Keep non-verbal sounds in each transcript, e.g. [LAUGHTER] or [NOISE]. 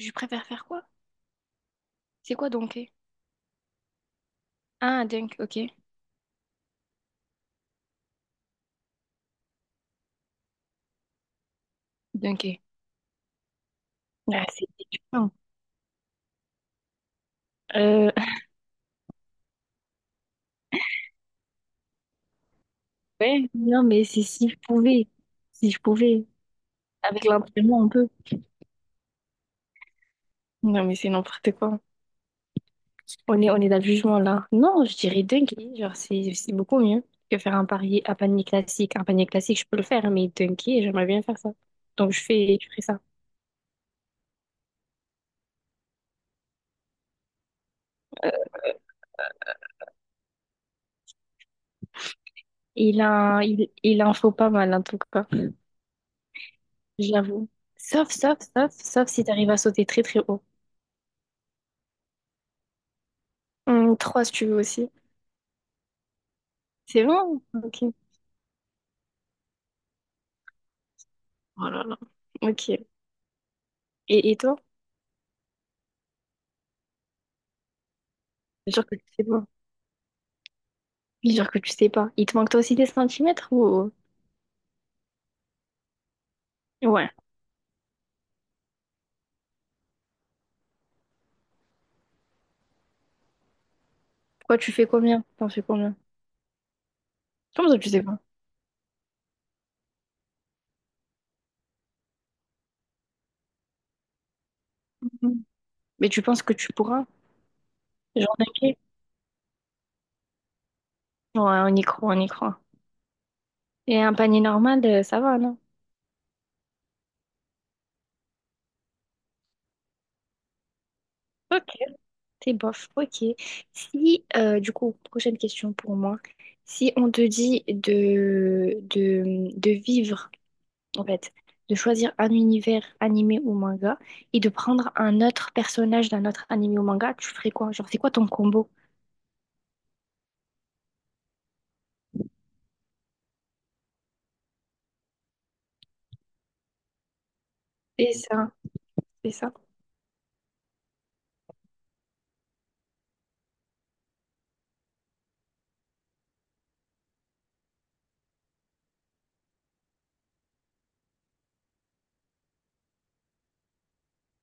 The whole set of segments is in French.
Je préfère faire quoi? C'est quoi dunker? Ah, dunk, ok. Dunker. Ah, c'est épuisant. Euh, [LAUGHS] ouais, non, mais c'est si je pouvais. Si je pouvais. Avec l'entraînement, on peut. Non, mais c'est n'importe quoi. On est dans le jugement, là. Non, je dirais dunker. Genre, c'est beaucoup mieux que faire un panier classique. Un panier classique, je peux le faire, mais dunker, j'aimerais bien faire ça. Donc, je fais ça. Il en faut pas mal, en tout cas. J'avoue. Sauf si t'arrives à sauter très, très haut. Trois, si tu veux aussi. C'est bon? Ok. Oh là là. Ok. Et toi? Jure que tu sais pas. Oui, jure que tu sais pas. Il te manque toi aussi des centimètres ou. Ouais. Quoi, tu fais combien? T'en fais combien? Comment ça, tu sais pas? Mhm. Mais tu penses que tu pourras? Genre un pied? Ouais, on y croit, on y croit. Et un panier normal, ça va, non? Ok. C'est bof, ok. Si, du coup, prochaine question pour moi. Si on te dit de vivre en fait, de choisir un univers animé ou manga et de prendre un autre personnage d'un autre animé ou manga, tu ferais quoi? Genre, c'est quoi ton combo? C'est ça, c'est ça.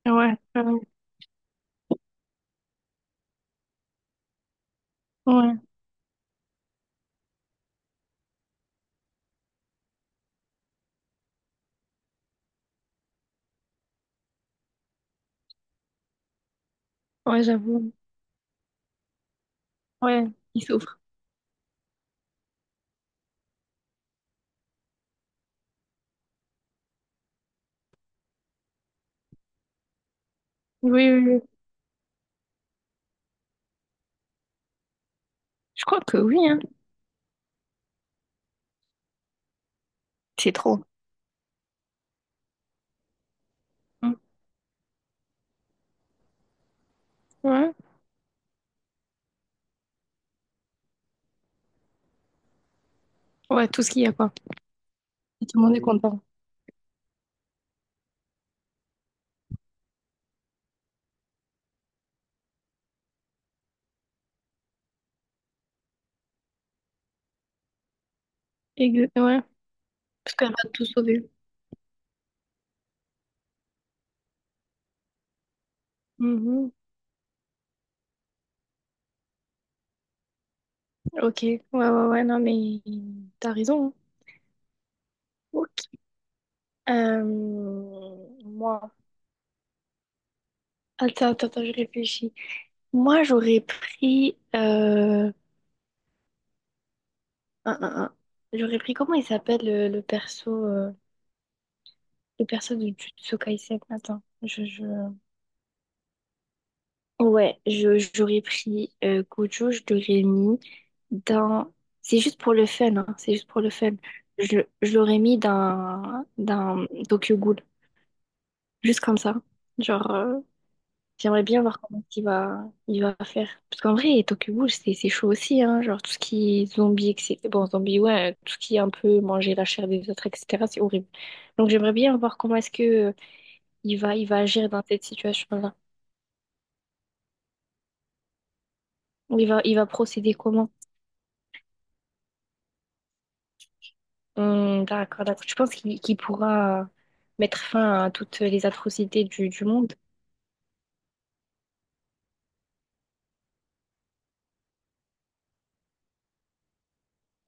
Ouais, ouais, ouais, ouais, j'avoue. Ouais, il souffre. Oui, oui, oui. Je crois que oui, hein. C'est trop. Mm. Ouais, ouais, tout ce qu'il y a, quoi. Et tout le monde est content. Ouais, parce qu'elle va tout sauver. Mhm. Ok, ouais, ouais, ouais, non, mais t'as raison, hein. Ok. Euh, Moi, attends, attends, attends, je réfléchis. Moi, j'aurais pris, un, un. J'aurais pris. Comment il s'appelle le perso de Jujutsu Kaisen? Attends, je. Ouais, j'aurais pris Gojo, je l'aurais mis dans. C'est juste pour le fun, hein, c'est juste pour le fun. Je l'aurais mis dans Tokyo Ghoul, juste comme ça. Genre, j'aimerais bien voir comment il va faire. Parce qu'en vrai, Tokyo Ghoul, c'est chaud aussi, hein. Genre, tout ce qui est zombie, etc. Bon, zombie, ouais, tout ce qui est un peu manger la chair des autres, etc., c'est horrible. Donc, j'aimerais bien voir comment est-ce que il va agir dans cette situation-là. Ou il va procéder comment? D'accord, d'accord. Je pense qu'il pourra mettre fin à toutes les atrocités du monde.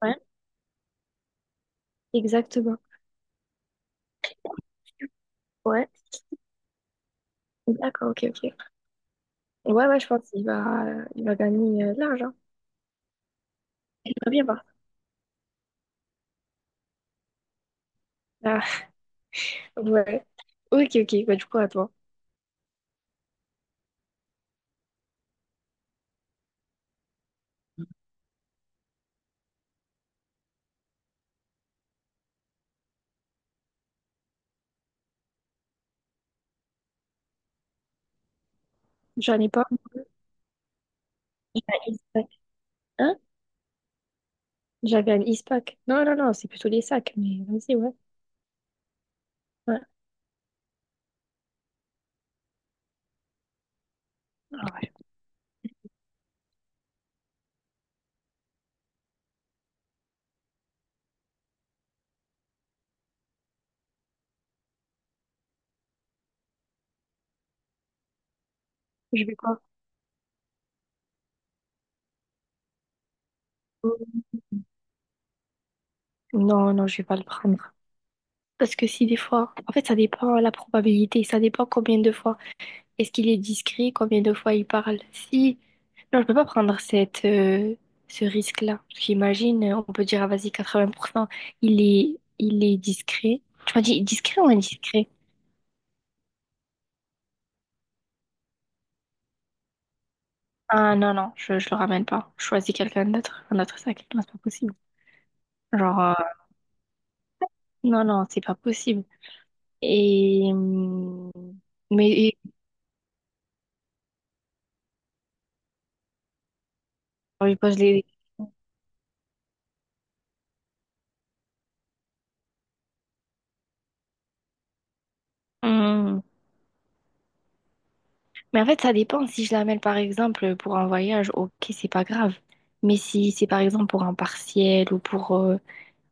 Ouais, exactement. Ouais, d'accord, ok, ok. Ouais, ouais, je pense qu'il va, il va gagner de l'argent. J'aimerais bien voir. Ouais. Ok, ok. Bah, du coup, à toi. J'en ai pas un à Ispac. Hein? J'avais un Ispac. Non, non, non, c'est plutôt les sacs. Mais vas-y, ouais. Ouais. Ah ouais. Je vais pas. Non, non, je vais pas le prendre. Parce que si des fois, en fait, ça dépend la probabilité, ça dépend combien de fois. Est-ce qu'il est discret, combien de fois il parle? Si, non, je peux pas prendre ce risque-là. Parce qu'imagine, on peut dire, ah, vas-y, 80 % il est discret. Tu m'as dit discret ou indiscret? Ah non, non, je le ramène pas. Je choisis quelqu'un d'autre, un autre sac. Non, c'est pas possible. Genre, non, non, c'est pas possible. Et. Mais et- on lui pose les. Hum. Mais en fait, ça dépend. Si je l'amène, par exemple, pour un voyage, ok, c'est pas grave. Mais si c'est, par exemple, pour un partiel ou pour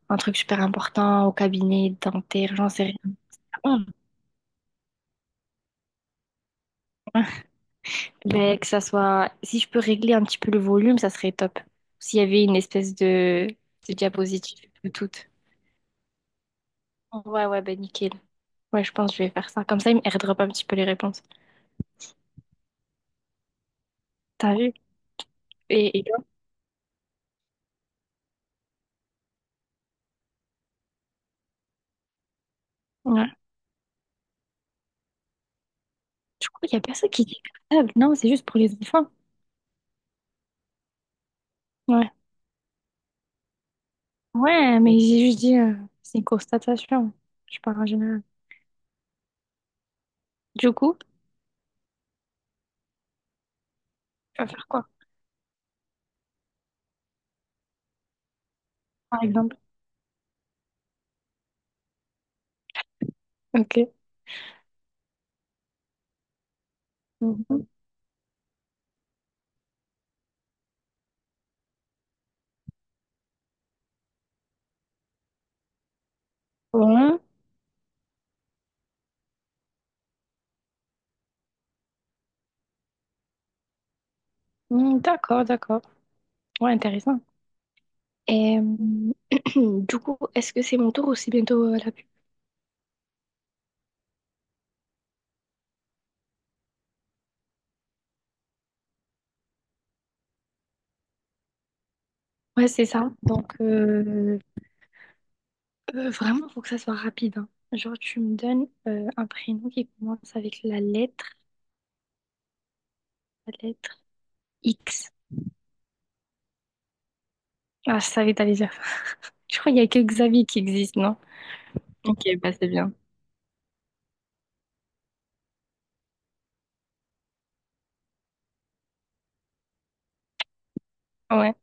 un truc super important au cabinet dentaire, j'en sais rien. Hum. Ben, que ça soit. Si je peux régler un petit peu le volume, ça serait top. S'il y avait une espèce de diapositive tout. Ouais, ouais, ben nickel. Ouais, je pense que je vais faire ça. Comme ça, il me airdrop un petit peu les réponses. T'as vu? Et toi? Ouais. Du coup, il n'y a personne qui dit cartable. Non, c'est juste pour les enfants. Ouais. Ouais, mais j'ai juste dit, c'est une constatation. Je parle en général. Du coup, tu vas faire quoi, par exemple? Ok. Mhm. Bon. Mm, d'accord, d'accord. Ouais, intéressant. Et [CLEARS THROAT] du coup, est-ce que c'est mon tour ou c'est bientôt la pub? Ouais, c'est ça. Donc, vraiment, faut que ça soit rapide, hein. Genre, tu me donnes un prénom qui commence avec la lettre X. Ah, je savais que t'allais dire ça. [LAUGHS] Je crois qu'il y a que Xavier qui existe, non? Ok, bah c'est bien. Ouais,